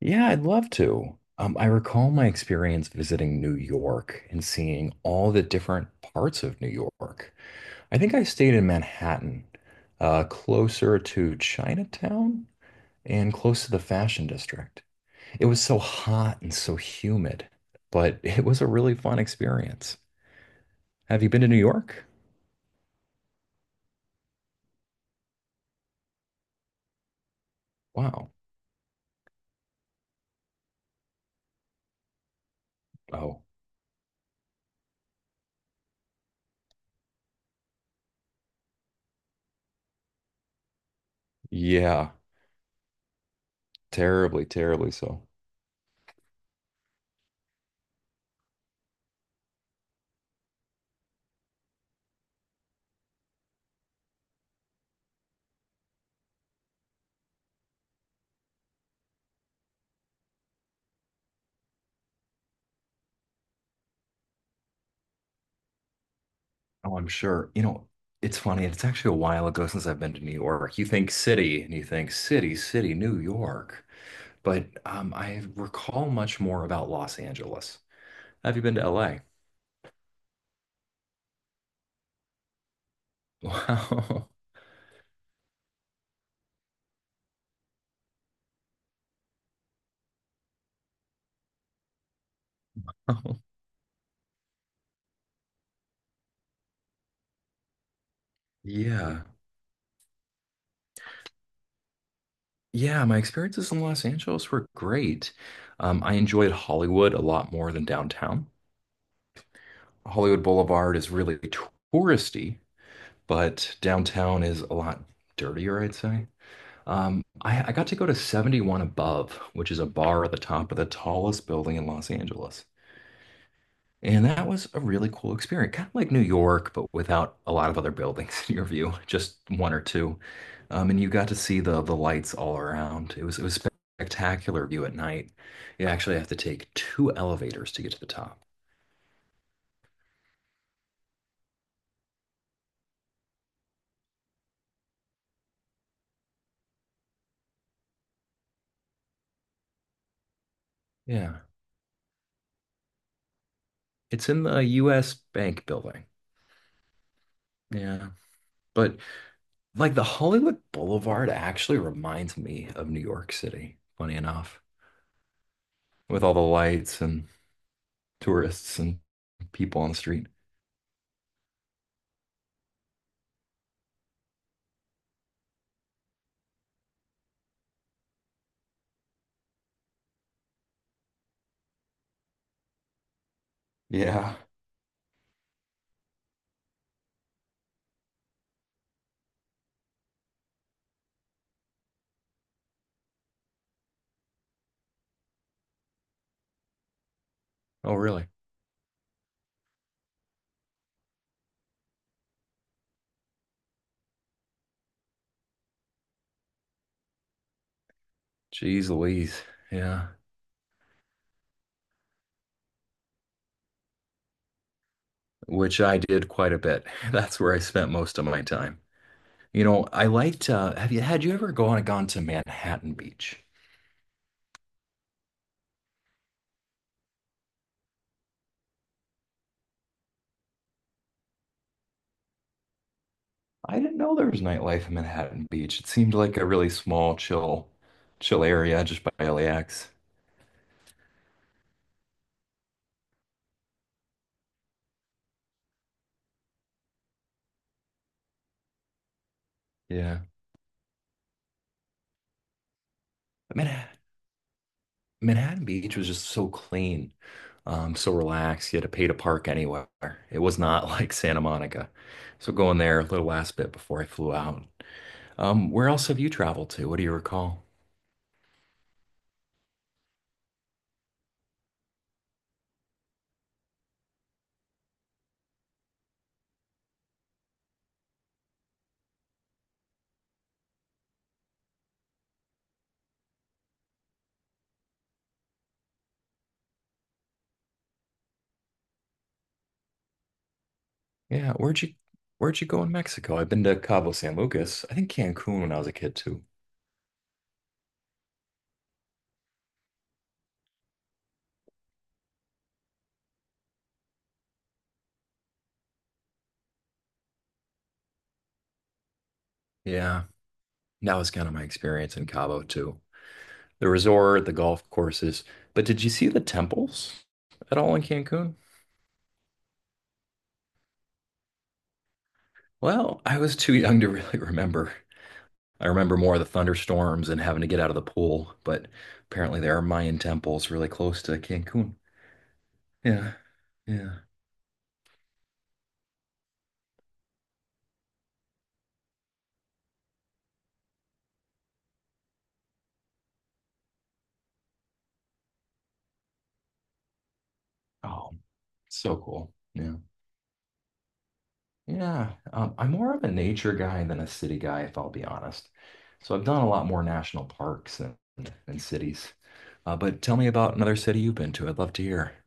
Yeah, I'd love to. I recall my experience visiting New York and seeing all the different parts of New York. I think I stayed in Manhattan, closer to Chinatown and close to the Fashion District. It was so hot and so humid, but it was a really fun experience. Have you been to New York? Wow. Oh, yeah, terribly, terribly so. Oh, I'm sure. It's funny. It's actually a while ago since I've been to New York. You think city and you think city, city, New York. But I recall much more about Los Angeles. Have you been to LA? Wow. Yeah. Yeah, my experiences in Los Angeles were great. I enjoyed Hollywood a lot more than downtown. Hollywood Boulevard is really touristy, but downtown is a lot dirtier, I'd say. I got to go to 71 Above, which is a bar at the top of the tallest building in Los Angeles. And that was a really cool experience, kind of like New York, but without a lot of other buildings in your view, just one or two. And you got to see the lights all around. It was spectacular view at night. You actually have to take two elevators to get to the top. Yeah. It's in the US Bank building. Yeah. But like the Hollywood Boulevard actually reminds me of New York City, funny enough, with all the lights and tourists and people on the street. Yeah. Oh, really? Jeez Louise. Yeah. Which I did quite a bit. That's where I spent most of my time. You know, I liked, have you had you ever gone to Manhattan Beach? I didn't know there was nightlife in Manhattan Beach. It seemed like a really small, chill area just by LAX. Yeah. Man, Manhattan Beach was just so clean, so relaxed. You had to pay to park anywhere. It was not like Santa Monica. So going there a little last bit before I flew out. Where else have you traveled to? What do you recall? Yeah, where'd you go in Mexico? I've been to Cabo San Lucas. I think Cancun when I was a kid too. Yeah, that was kind of my experience in Cabo too. The resort, the golf courses. But did you see the temples at all in Cancun? Well, I was too young to really remember. I remember more of the thunderstorms and having to get out of the pool, but apparently there are Mayan temples really close to Cancun. Yeah. Yeah. Oh, so cool. Yeah. Yeah. I'm more of a nature guy than a city guy, if I'll be honest. So I've done a lot more national parks and, cities. But tell me about another city you've been to. I'd love to hear.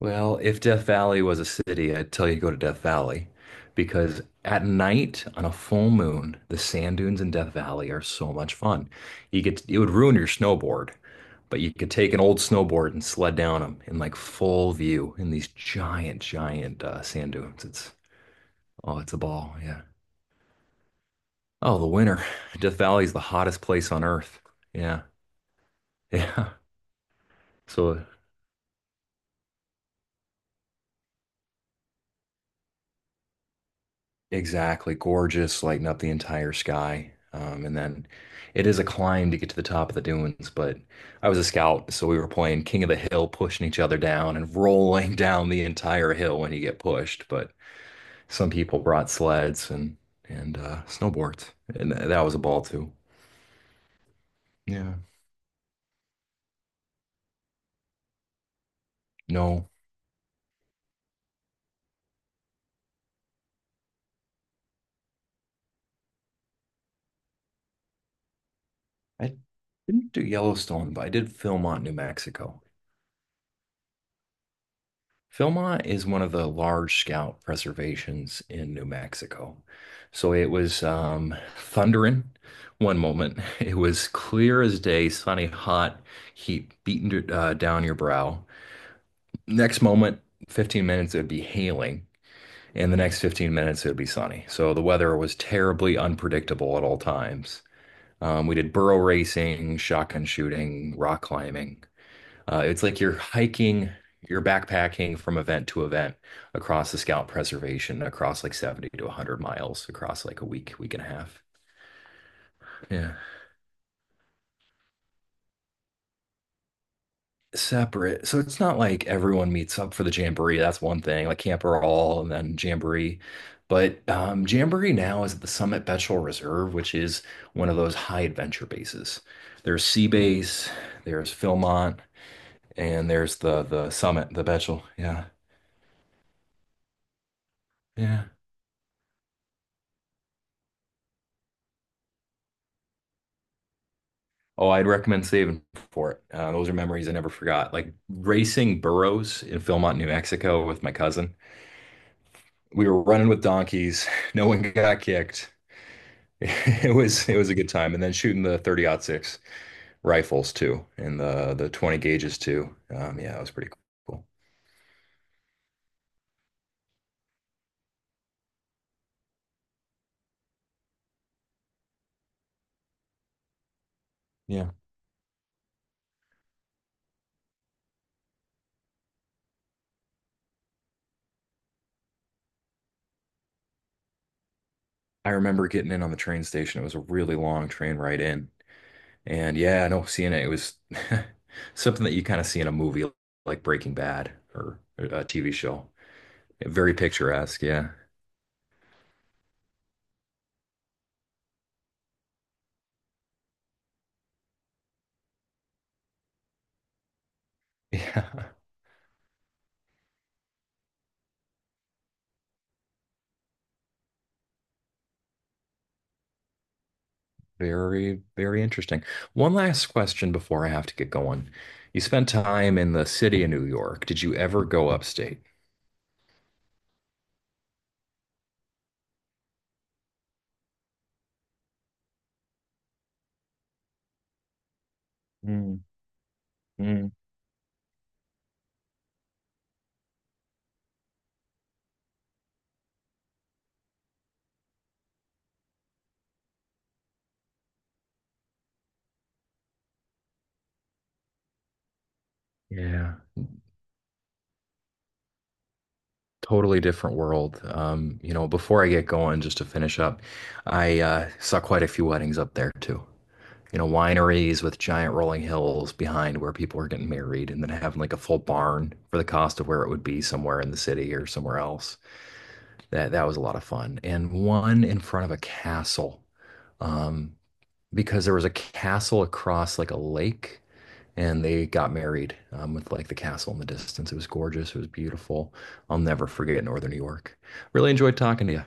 Well, if Death Valley was a city, I'd tell you to go to Death Valley because at night on a full moon, the sand dunes in Death Valley are so much fun. You could It would ruin your snowboard, but you could take an old snowboard and sled down them in like full view in these giant, giant sand dunes. It's Oh, it's a ball, yeah. Oh, the winter. Death Valley is the hottest place on earth. Yeah, yeah. So Exactly. Gorgeous, lighting up the entire sky. And then it is a climb to get to the top of the dunes, but I was a scout, so we were playing King of the Hill, pushing each other down and rolling down the entire hill when you get pushed. But some people brought sleds and snowboards, and that was a ball too. Yeah. No, I didn't do Yellowstone, but I did film on New Mexico. Philmont is one of the large scout preservations in New Mexico. So it was thundering one moment. It was clear as day, sunny, hot, heat beating down your brow. Next moment, 15 minutes, it would be hailing. And the next 15 minutes, it would be sunny. So the weather was terribly unpredictable at all times. We did burro racing, shotgun shooting, rock climbing. It's like you're hiking, you're backpacking from event to event across the Scout Preservation, across like 70 to 100 miles, across like a week, week and a half. Yeah. Separate. So it's not like everyone meets up for the Jamboree. That's one thing, like Camper All and then Jamboree. But Jamboree now is at the Summit Betchel Reserve, which is one of those high adventure bases. There's Sea Base, there's Philmont, and there's the Summit, the Betchel. Yeah. Yeah. Oh, I'd recommend saving for it. Those are memories I never forgot. Like racing burros in Philmont, New Mexico with my cousin. We were running with donkeys. No one got kicked. It was a good time. And then shooting the 30-06 rifles too, and the 20 gauges too. Yeah, it was pretty cool. Yeah. I remember getting in on the train station. It was a really long train ride in. And yeah, no, seeing it, it was something that you kind of see in a movie like Breaking Bad or a TV show. Very picturesque, yeah. Yeah. Very, very interesting. One last question before I have to get going. You spent time in the city of New York. Did you ever go upstate? Mm, mm. Yeah, totally different world. Before I get going, just to finish up, I saw quite a few weddings up there too. Wineries with giant rolling hills behind where people are getting married and then having like a full barn for the cost of where it would be somewhere in the city or somewhere else. That was a lot of fun. And one in front of a castle. Um, because there was a castle across like a lake and they got married with like the castle in the distance. It was gorgeous. It was beautiful. I'll never forget Northern New York. Really enjoyed talking to you.